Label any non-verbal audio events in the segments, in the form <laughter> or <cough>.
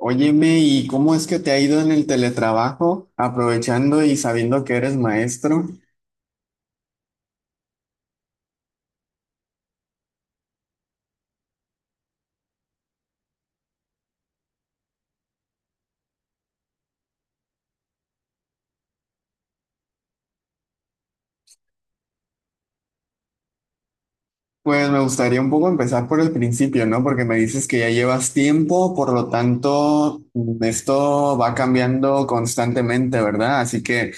Óyeme, ¿y cómo es que te ha ido en el teletrabajo, aprovechando y sabiendo que eres maestro? Pues me gustaría un poco empezar por el principio, ¿no? Porque me dices que ya llevas tiempo, por lo tanto, esto va cambiando constantemente, ¿verdad? Así que,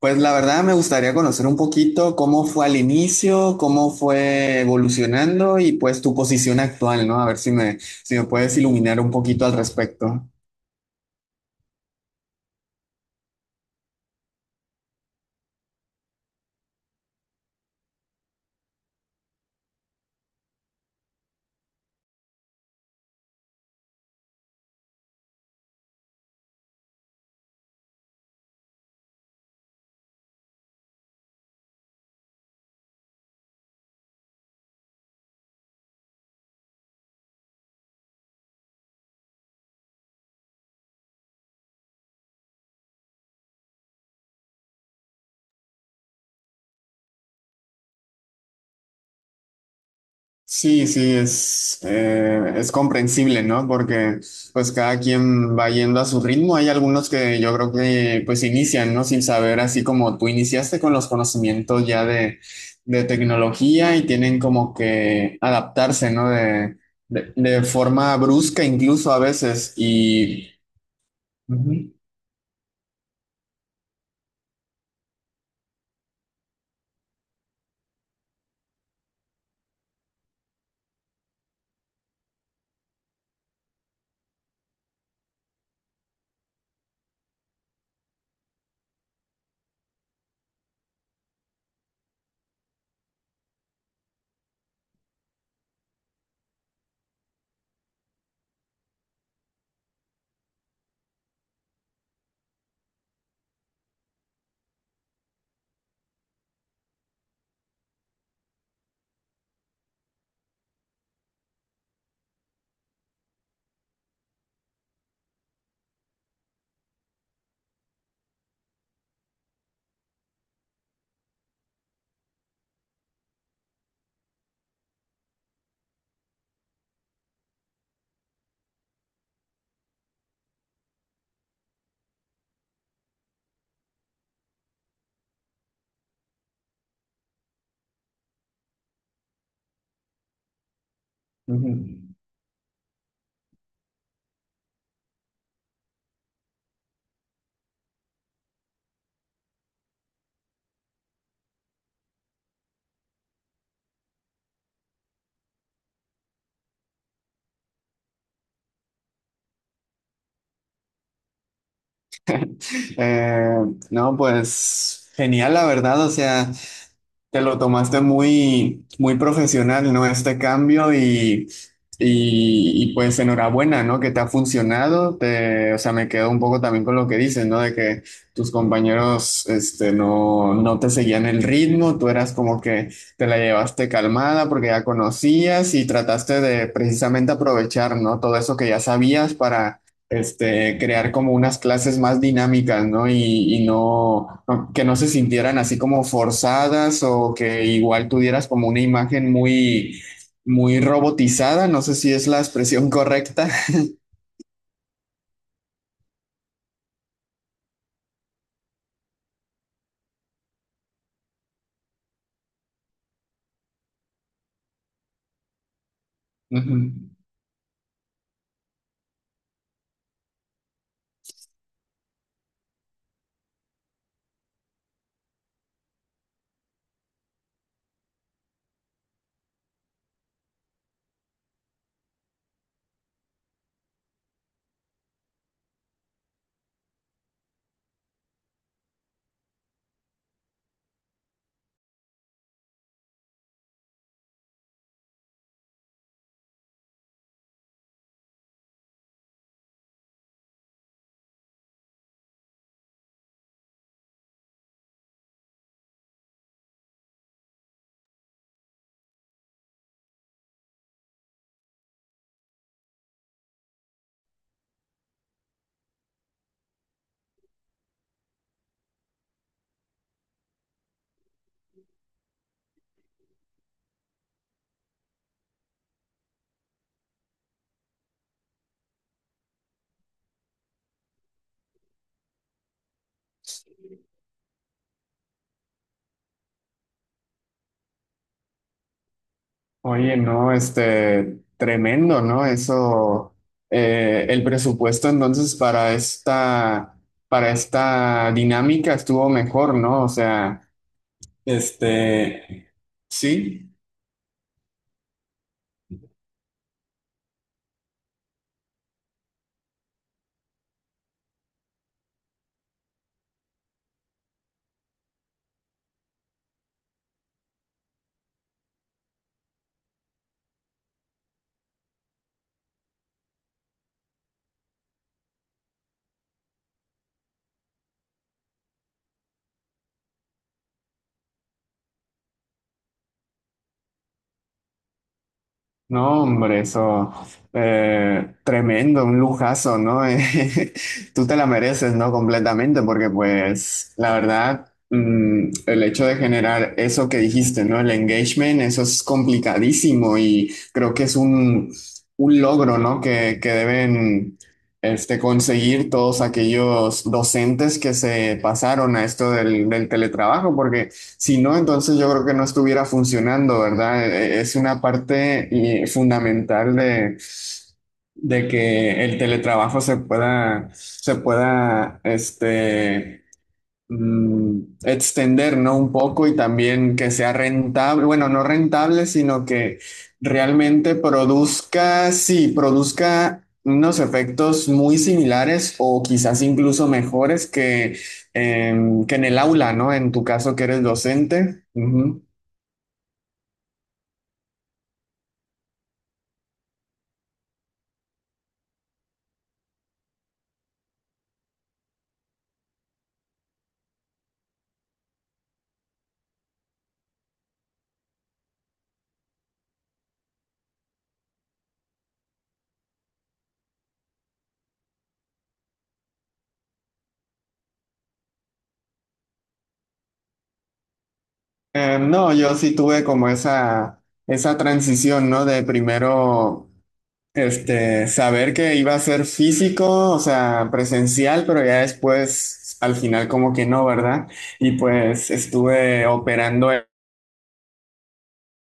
pues la verdad me gustaría conocer un poquito cómo fue al inicio, cómo fue evolucionando y pues tu posición actual, ¿no? A ver si me puedes iluminar un poquito al respecto. Sí, sí, es comprensible, ¿no? Porque pues cada quien va yendo a su ritmo. Hay algunos que yo creo que pues inician, ¿no? Sin saber, así como tú iniciaste con los conocimientos ya de tecnología y tienen como que adaptarse, ¿no? De forma brusca incluso a veces. Y... Ujú, ujú. Eh, no, pues genial, la verdad. O sea... Te lo tomaste muy, muy profesional, ¿no? Este cambio y, pues enhorabuena, ¿no? Que te ha funcionado. Te, o sea, me quedo un poco también con lo que dices, ¿no? De que tus compañeros, este, no, no te seguían el ritmo, tú eras como que te la llevaste calmada porque ya conocías y trataste de precisamente aprovechar, ¿no? Todo eso que ya sabías para este, crear como unas clases más dinámicas, ¿no? Y no, que no se sintieran así como forzadas o que igual tuvieras como una imagen muy, muy robotizada, no sé si es la expresión correcta. <laughs> Ujú. Oye, no, este, tremendo, ¿no? Eso, el presupuesto entonces para esta dinámica estuvo mejor, ¿no? O sea, este, sí. No, hombre, eso tremendo, un lujazo, ¿no? <laughs> Tú te la mereces, ¿no? Completamente, porque pues la verdad, el hecho de generar eso que dijiste, ¿no? El engagement, eso es complicadísimo y creo que es un logro, ¿no? Que deben este, conseguir todos aquellos docentes que se pasaron a esto del teletrabajo, porque... Si no, entonces yo creo que no estuviera funcionando, ¿verdad? Es una parte fundamental de que el teletrabajo se pueda, este, extender, ¿no? Un poco y también que sea rentable, bueno, no rentable, sino que realmente produzca, sí, produzca unos efectos muy similares o quizás incluso mejores que, que en el aula, ¿no? En tu caso que eres docente. Ujú. No, yo sí tuve como esa transición, ¿no? De primero este, saber que iba a ser físico, o sea, presencial, pero ya después, al final como que no, ¿verdad? Y pues estuve operando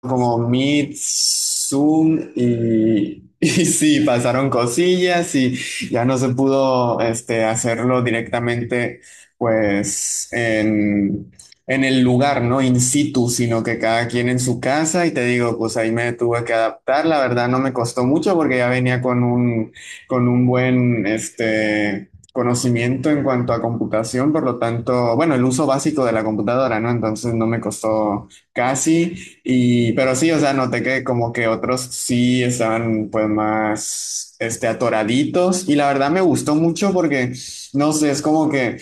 como Meet, Zoom y, <laughs> y sí, pasaron cosillas y ya no se pudo este, hacerlo directamente pues en el lugar, ¿no? In situ, sino que cada quien en su casa y te digo, pues ahí me tuve que adaptar, la verdad no me costó mucho porque ya venía con un buen, este... conocimiento en cuanto a computación, por lo tanto, bueno, el uso básico de la computadora, ¿no? Entonces no me costó casi. Y, pero sí, o sea, noté que como que otros sí estaban pues más, este, atoraditos y la verdad me gustó mucho porque, no sé, es como que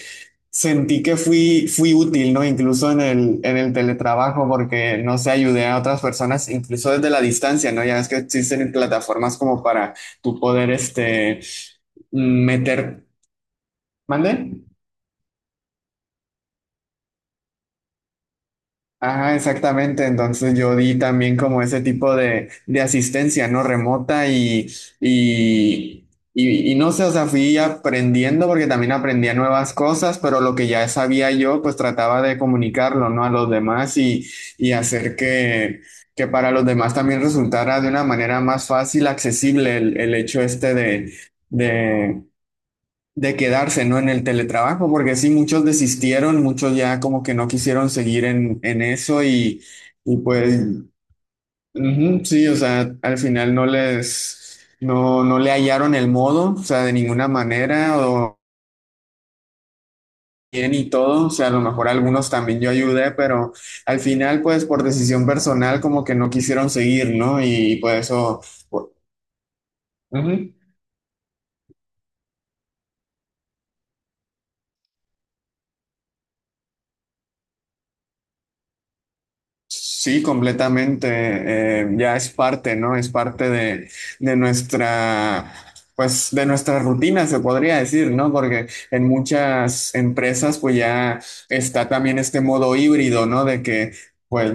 sentí que fui útil, ¿no? Incluso en el teletrabajo porque, no sé, ayudé a otras personas, incluso desde la distancia, ¿no? Ya es que existen plataformas como para tú poder, este, meter, ¿mande? Ajá, exactamente. Entonces yo di también como ese tipo de asistencia, ¿no? Remota y, y no sé, o sea, fui aprendiendo porque también aprendía nuevas cosas, pero lo que ya sabía yo, pues trataba de comunicarlo, ¿no? A los demás y hacer que para los demás también resultara de una manera más fácil, accesible el hecho este de, de quedarse, ¿no? En el teletrabajo, porque sí, muchos desistieron, muchos ya como que no quisieron seguir en eso y pues, ujú, sí, o sea, al final no les, no, no le hallaron el modo, o sea, de ninguna manera, o bien y todo, o sea, a lo mejor algunos también yo ayudé, pero al final, pues, por decisión personal, como que no quisieron seguir, ¿no? Y, pues eso, ujú, sí, completamente. Ya es parte, ¿no? Es parte de nuestra, pues, de nuestra rutina, se podría decir, ¿no? Porque en muchas empresas, pues, ya está también este modo híbrido, ¿no? De que, pues,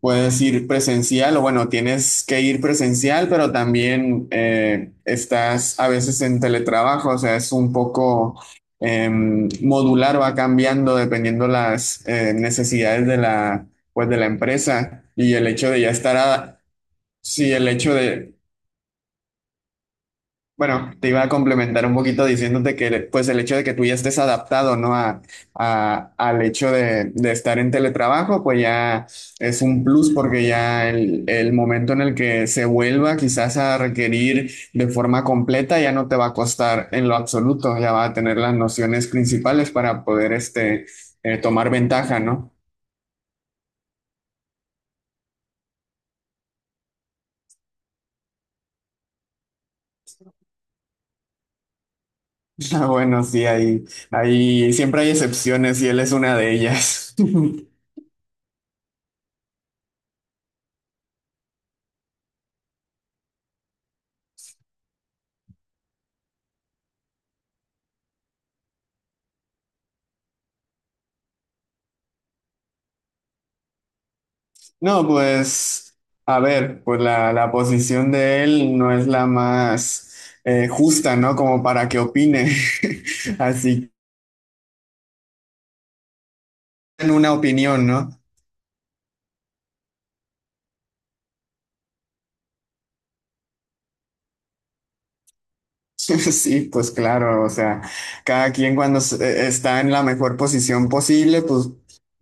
puedes ir presencial o, bueno, tienes que ir presencial, pero también estás a veces en teletrabajo, o sea, es un poco... modular va cambiando dependiendo las necesidades de la pues de la empresa y el hecho de ya estar a, sí, el hecho de, bueno, te iba a complementar un poquito diciéndote que pues el hecho de que tú ya estés adaptado, ¿no? A, al hecho de estar en teletrabajo, pues ya es un plus porque ya el momento en el que se vuelva quizás a requerir de forma completa ya no te va a costar en lo absoluto, ya va a tener las nociones principales para poder este, tomar ventaja, ¿no? <laughs> Ah, bueno, sí, hay, siempre hay excepciones y él es una de ellas. <laughs> No, pues, a ver, pues la posición de él no es la más justa, ¿no? Como para que opine. <laughs> Así, en una opinión, ¿no? <laughs> Sí, pues claro, o sea, cada quien cuando está en la mejor posición posible, pues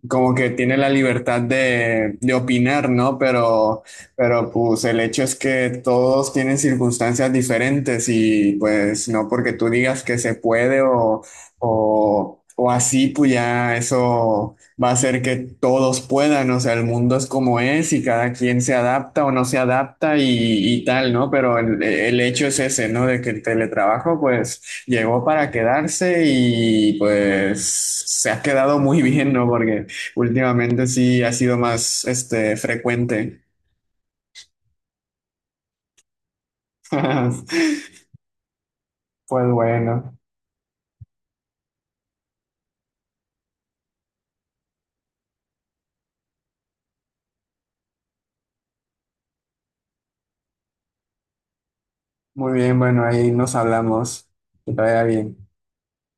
como que tiene la libertad de opinar, ¿no? Pero pues el hecho es que todos tienen circunstancias diferentes y pues no porque tú digas que se puede o así, pues ya eso va a hacer que todos puedan, o sea, el mundo es como es y cada quien se adapta o no se adapta y tal, ¿no? Pero el hecho es ese, ¿no? De que el teletrabajo pues llegó para quedarse y pues se ha quedado muy bien, ¿no? Porque últimamente sí ha sido más, este, frecuente. <laughs> Pues bueno, muy bien, bueno, ahí nos hablamos. Que te vaya bien.